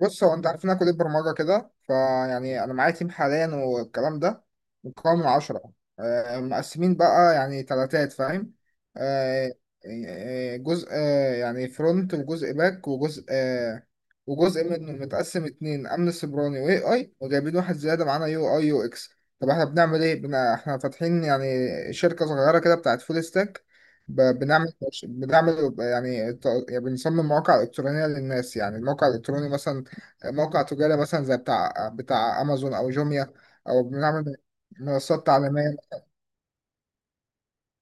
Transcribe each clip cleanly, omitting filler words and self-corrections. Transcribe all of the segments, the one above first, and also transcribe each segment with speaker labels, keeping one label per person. Speaker 1: بص، هو انت عارف ان انا كليه برمجه كده، فيعني انا معايا تيم حاليا والكلام ده مكون من 10. مقسمين بقى يعني تلاتات، فاهم. آه، جزء، يعني فرونت، وجزء باك، وجزء، وجزء منه متقسم اتنين: امن سيبراني واي اي، وجايبين واحد زياده معانا يو اي يو اكس. طب احنا بنعمل ايه؟ بنا احنا فاتحين يعني شركه صغيره كده بتاعت فول ستاك. ب- بنعمل بنعمل يعني، يعني بنصمم مواقع الكترونيه للناس. يعني الموقع الالكتروني مثلا موقع تجاري مثلا زي بتاع امازون او جوميا، او بنعمل منصات تعليميه.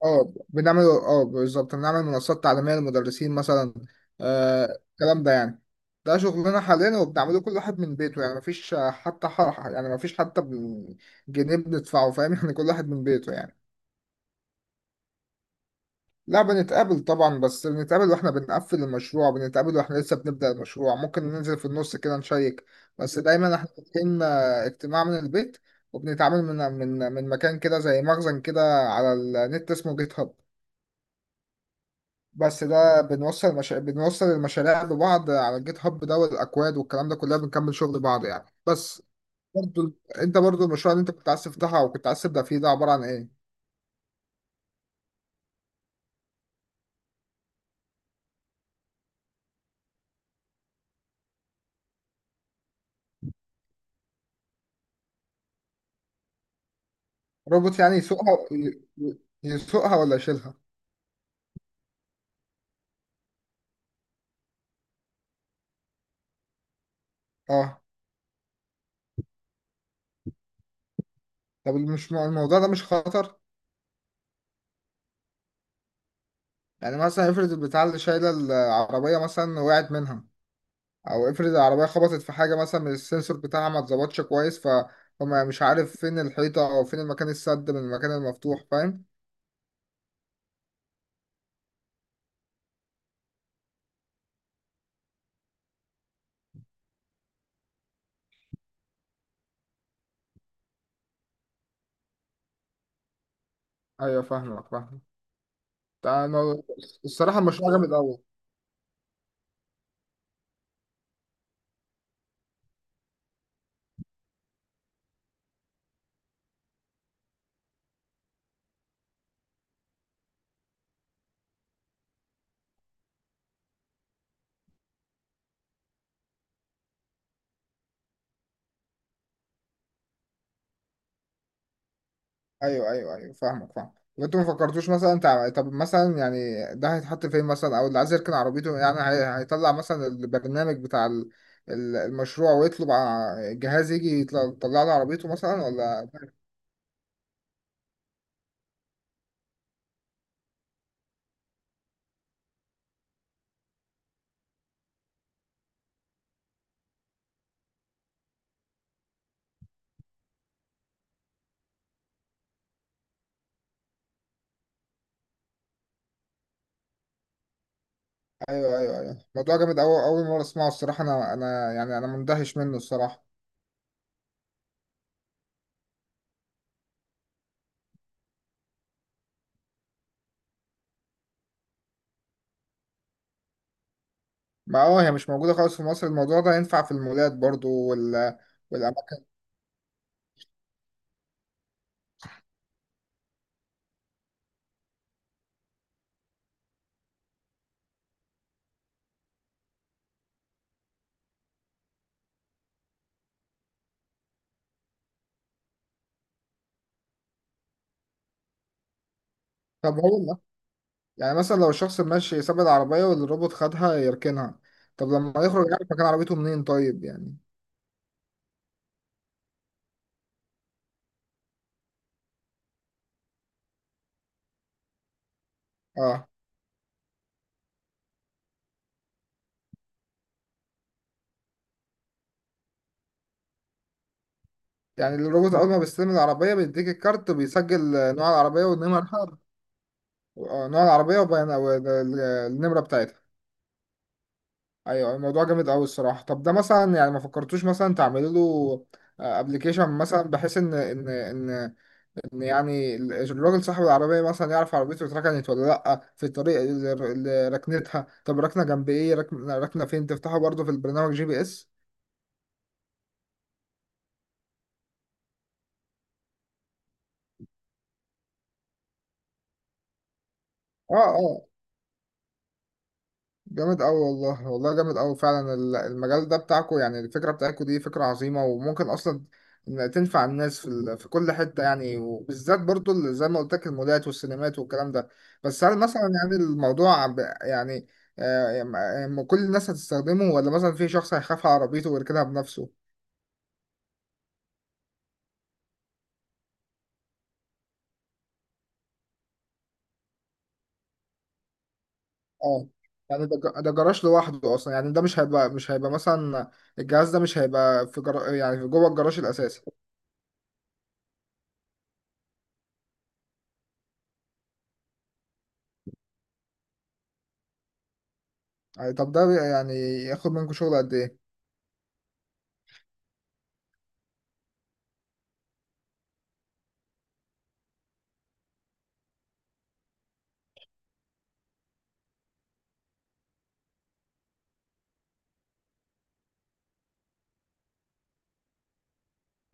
Speaker 1: اه، بنعمل، اه بالظبط بنعمل منصات تعليميه للمدرسين مثلا. الكلام ده يعني ده شغلنا حاليا، وبنعمله كل واحد من بيته. يعني مفيش حتى حرحة، يعني مفيش حتى جنيه بندفعه، فاهم؟ يعني كل واحد من بيته يعني. لا، بنتقابل طبعا، بس بنتقابل واحنا بنقفل المشروع، بنتقابل واحنا لسه بنبدأ المشروع. ممكن ننزل في النص كده نشيك، بس دايما احنا فاتحين اجتماع من البيت. وبنتعامل من مكان كده زي مخزن كده على النت، اسمه جيت هاب. بس ده بنوصل بنوصل المشاريع ببعض على الجيت هاب ده، والاكواد والكلام ده كلها بنكمل شغل بعض يعني، بس. برضو انت، برضو المشروع اللي انت كنت عايز تفتحها وكنت عايز تبدأ فيه ده، عبارة عن ايه؟ روبوت يعني يسوقها؟ يسوقها ولا يشيلها؟ اه. طب مش الموضوع ده مش خطر؟ يعني مثلا افرض البتاع اللي شايله العربيه مثلا وقعت منها، او افرض العربيه خبطت في حاجه مثلا، من السنسور بتاعها ما اتظبطش كويس، فهم. مش عارف فين الحيطه او فين المكان السد من المكان المفتوح، فاهم. ايوه، فاهمك فاهمك. ده الصراحه مش عجبت قوي. ايوه ايوه ايوه، فاهمك فاهم. وانتوا ما فكرتوش مثلا طب مثلا يعني ده هيتحط فين مثلا؟ او اللي عايز يركن عربيته، يعني هيطلع مثلا البرنامج بتاع المشروع ويطلب جهاز يجي يطلع، يطلع له عربيته مثلا، ولا؟ ايوه ايوه ايوه، الموضوع جامد أوي، اول مره اسمعه الصراحه. انا يعني انا مندهش منه الصراحه. ما اه، هي مش موجوده خالص في مصر. الموضوع ده ينفع في المولات برضو، وال... والاماكن. طب هو يعني مثلا لو الشخص ماشي ساب العربية، والروبوت خدها يركنها، طب لما يخرج يعرف مكان عربيته منين؟ طيب يعني. اه، يعني الروبوت أول ما بيستلم العربية بيديك الكارت، وبيسجل نوع العربية والنمرة بتاعتها. نوع العربية وبيان والنمرة بتاعتها. أيوة، الموضوع جامد أوي الصراحة. طب ده مثلا يعني ما فكرتوش مثلا تعملوا له أبلكيشن مثلا، بحيث إن يعني الراجل صاحب العربية مثلا يعرف عربيته اتركنت ولا لأ، في الطريق اللي ركنتها. طب ركنة جنب إيه؟ ركنة، ركنة فين؟ تفتحه برضه في البرنامج، جي بي إس. آه آه، جامد أوي، والله والله جامد أوي فعلا. المجال ده بتاعكو، يعني الفكرة بتاعتكو دي فكرة عظيمة، وممكن أصلا إن تنفع الناس في في كل حتة يعني، وبالذات برضه اللي زي ما قلت لك: المولات والسينمات والكلام ده. بس هل مثلا يعني الموضوع يعني يعني كل الناس هتستخدمه، ولا مثلا في شخص هيخاف على عربيته ويركنها بنفسه؟ اه يعني ده ده جراج لوحده اصلا يعني. ده مش هيبقى، مثلا الجهاز ده مش هيبقى في يعني في جوه الجراج الاساسي. يعني طب ده يعني ياخد منكم شغل قد ايه؟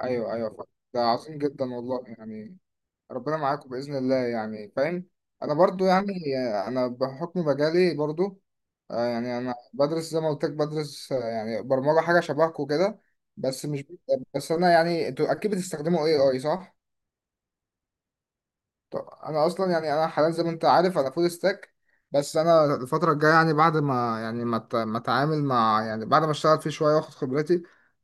Speaker 1: ايوه ايوه، فاهم. ده عظيم جدا والله يعني، ربنا معاكم باذن الله يعني، فاهم. انا برضو، يعني انا بحكم مجالي برضو، يعني انا بدرس زي ما قلت لك، بدرس يعني برمجه، حاجه شبهكم كده. بس مش... بس انا يعني، انتوا اكيد بتستخدموا اي اي، صح؟ طب انا اصلا يعني انا حاليا زي ما انت عارف انا فول ستاك. بس انا الفتره الجايه، يعني بعد ما يعني ما اتعامل مع، يعني بعد ما اشتغل فيه شويه واخد خبرتي،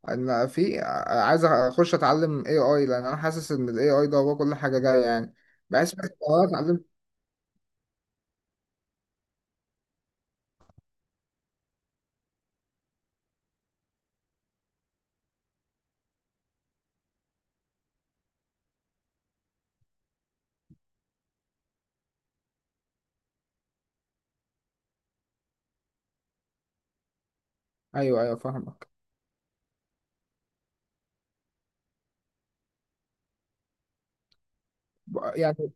Speaker 1: انا عايز اخش اتعلم اي اي، لان انا حاسس ان الاي اي ده هو كل حاجه جايه يعني. بحس بس إن انا اتعلم. ايوه ايوه، فاهمك. يعني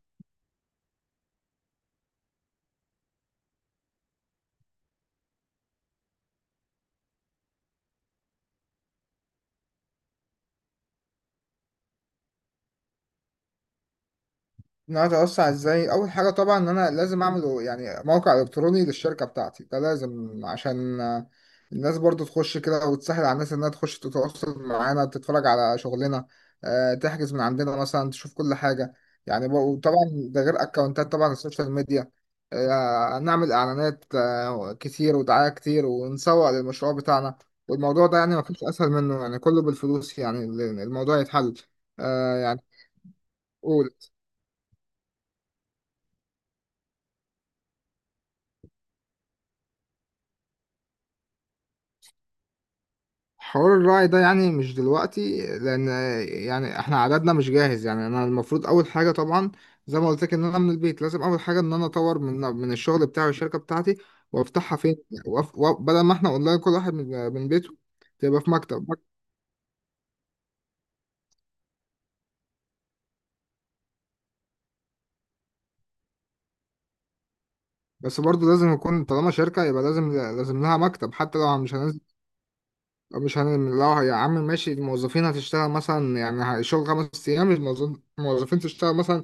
Speaker 1: ان انا اتوسع ازاي؟ اول حاجه طبعا ان انا لازم اعمل يعني موقع الكتروني للشركه بتاعتي، ده لازم عشان الناس برضو تخش كده، وتسهل على الناس انها تخش تتواصل معانا، تتفرج على شغلنا، تحجز من عندنا مثلا، تشوف كل حاجه. يعني بقى، طبعا ده غير اكونتات طبعا السوشيال ميديا. نعمل اعلانات كتير ودعايه كتير، ونسوق للمشروع بتاعنا. والموضوع ده يعني ما فيش اسهل منه يعني، كله بالفلوس يعني، الموضوع يتحل. يعني. حوار الراعي ده يعني مش دلوقتي، لان يعني احنا عددنا مش جاهز يعني. انا المفروض اول حاجه طبعا زي ما قلت لك ان انا من البيت، لازم اول حاجه ان انا اطور من الشغل بتاعي والشركه بتاعتي، وافتحها فين. بدل ما احنا اونلاين كل واحد من بيته، تبقى في مكتب. بس برضه لازم يكون، طالما شركه يبقى لازم، لها مكتب، حتى لو مش هننزل. مش هن... لو يا عم ماشي، الموظفين هتشتغل مثلا، يعني شغل 5 ايام، الموظفين تشتغل مثلا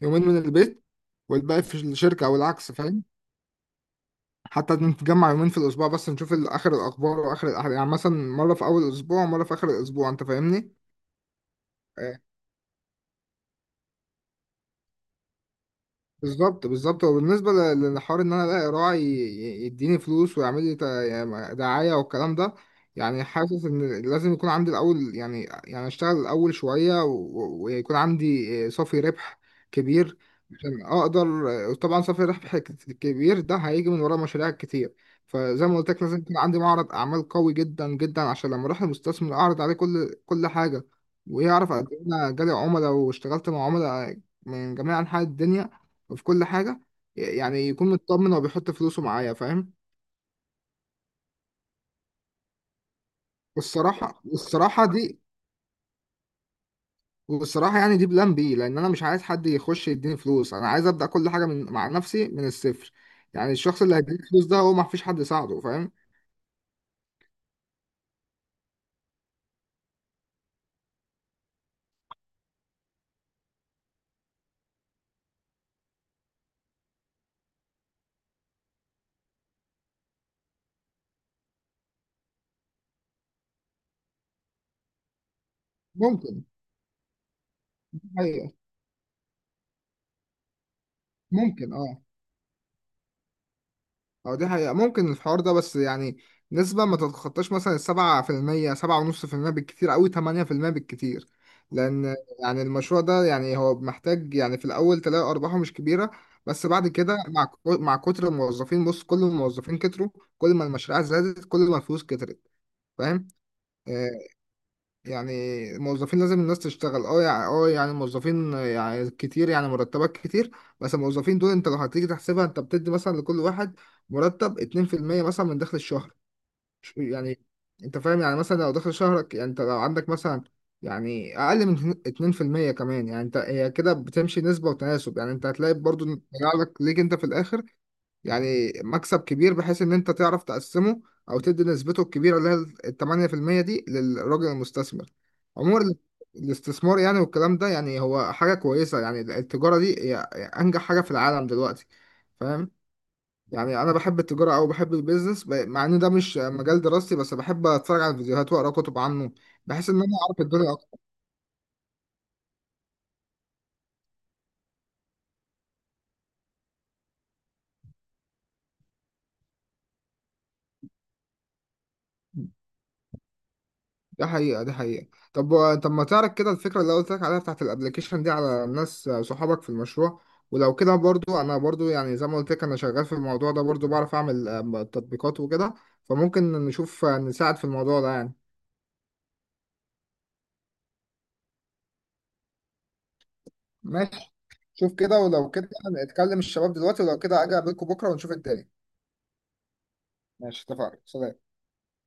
Speaker 1: يومين من البيت، والباقي في الشركه، او العكس، فاهم. حتى نتجمع يومين في الأسبوع بس، نشوف آخر الأخبار وآخر الأحداث يعني، مثلا مرة في أول الأسبوع ومرة في آخر الأسبوع. أنت فاهمني؟ آه. بالظبط بالظبط. وبالنسبة للحوار ان انا الاقي راعي يديني فلوس، ويعمل لي يعني دعاية والكلام ده، يعني حاسس ان لازم يكون عندي الاول، يعني اشتغل الاول شوية، ويكون عندي صافي ربح كبير عشان اقدر. طبعا صافي ربح كبير ده هيجي من ورا مشاريع كتير، فزي ما قلت لك لازم يكون عندي معرض اعمال قوي جدا جدا عشان لما اروح المستثمر اعرض عليه كل حاجة، ويعرف قد ايه انا جالي عملاء واشتغلت مع عملاء من جميع انحاء الدنيا في كل حاجة، يعني يكون مطمن وبيحط فلوسه معايا، فاهم. والصراحة والصراحة دي والصراحة يعني دي بلان بي، لأن أنا مش عايز حد يخش يديني فلوس. أنا عايز أبدأ كل حاجة من... مع نفسي من الصفر. يعني الشخص اللي هيديني فلوس ده، هو ما فيش حد يساعده، فاهم. ممكن، أيوه، ممكن أه. اه، دي حقيقة ممكن الحوار ده، بس يعني نسبة ما تتخطاش مثلا 7%، 7.5%، بالكتير أوي 8% بالكتير. لأن يعني المشروع ده يعني هو محتاج، يعني في الأول تلاقي أرباحه مش كبيرة، بس بعد كده مع مع كتر الموظفين. بص، كل ما الموظفين كتروا، كل ما المشاريع زادت، كل ما الفلوس كترت، فاهم. آه، يعني الموظفين لازم الناس تشتغل، اه يعني، اه يعني الموظفين يعني كتير، يعني مرتبات كتير. بس الموظفين دول انت لو هتيجي تحسبها، انت بتدي مثلا لكل واحد مرتب 2% مثلا من دخل الشهر، يعني انت فاهم يعني. مثلا لو دخل شهرك، يعني انت لو عندك مثلا يعني اقل من 2% كمان، يعني انت هي كده بتمشي نسبة وتناسب يعني. انت هتلاقي برضو إن طلع لك، ليك انت في الاخر يعني مكسب كبير، بحيث ان انت تعرف تقسمه، او تدي نسبته الكبيره اللي هي ال 8% دي للراجل المستثمر. عموما الاستثمار يعني، والكلام ده يعني هو حاجه كويسه يعني. التجاره دي هي انجح حاجه في العالم دلوقتي، فاهم. يعني انا بحب التجاره، او بحب البيزنس، مع ان ده مش مجال دراستي، بس بحب اتفرج على الفيديوهات واقرا كتب عنه، بحيث ان انا اعرف الدنيا. ده حقيقة ده حقيقة. طب، طب، ما تعرف كده الفكرة اللي قلت لك عليها بتاعت الابليكيشن دي على ناس صحابك في المشروع؟ ولو كده برضو، انا برضو يعني زي ما قلت لك انا شغال في الموضوع ده برضو، بعرف اعمل تطبيقات وكده، فممكن نشوف نساعد في الموضوع ده يعني. ماشي، شوف كده، ولو كده نتكلم الشباب دلوقتي، ولو كده اجي اقابلكم بكرة ونشوف الدنيا. ماشي، اتفقنا، سلام.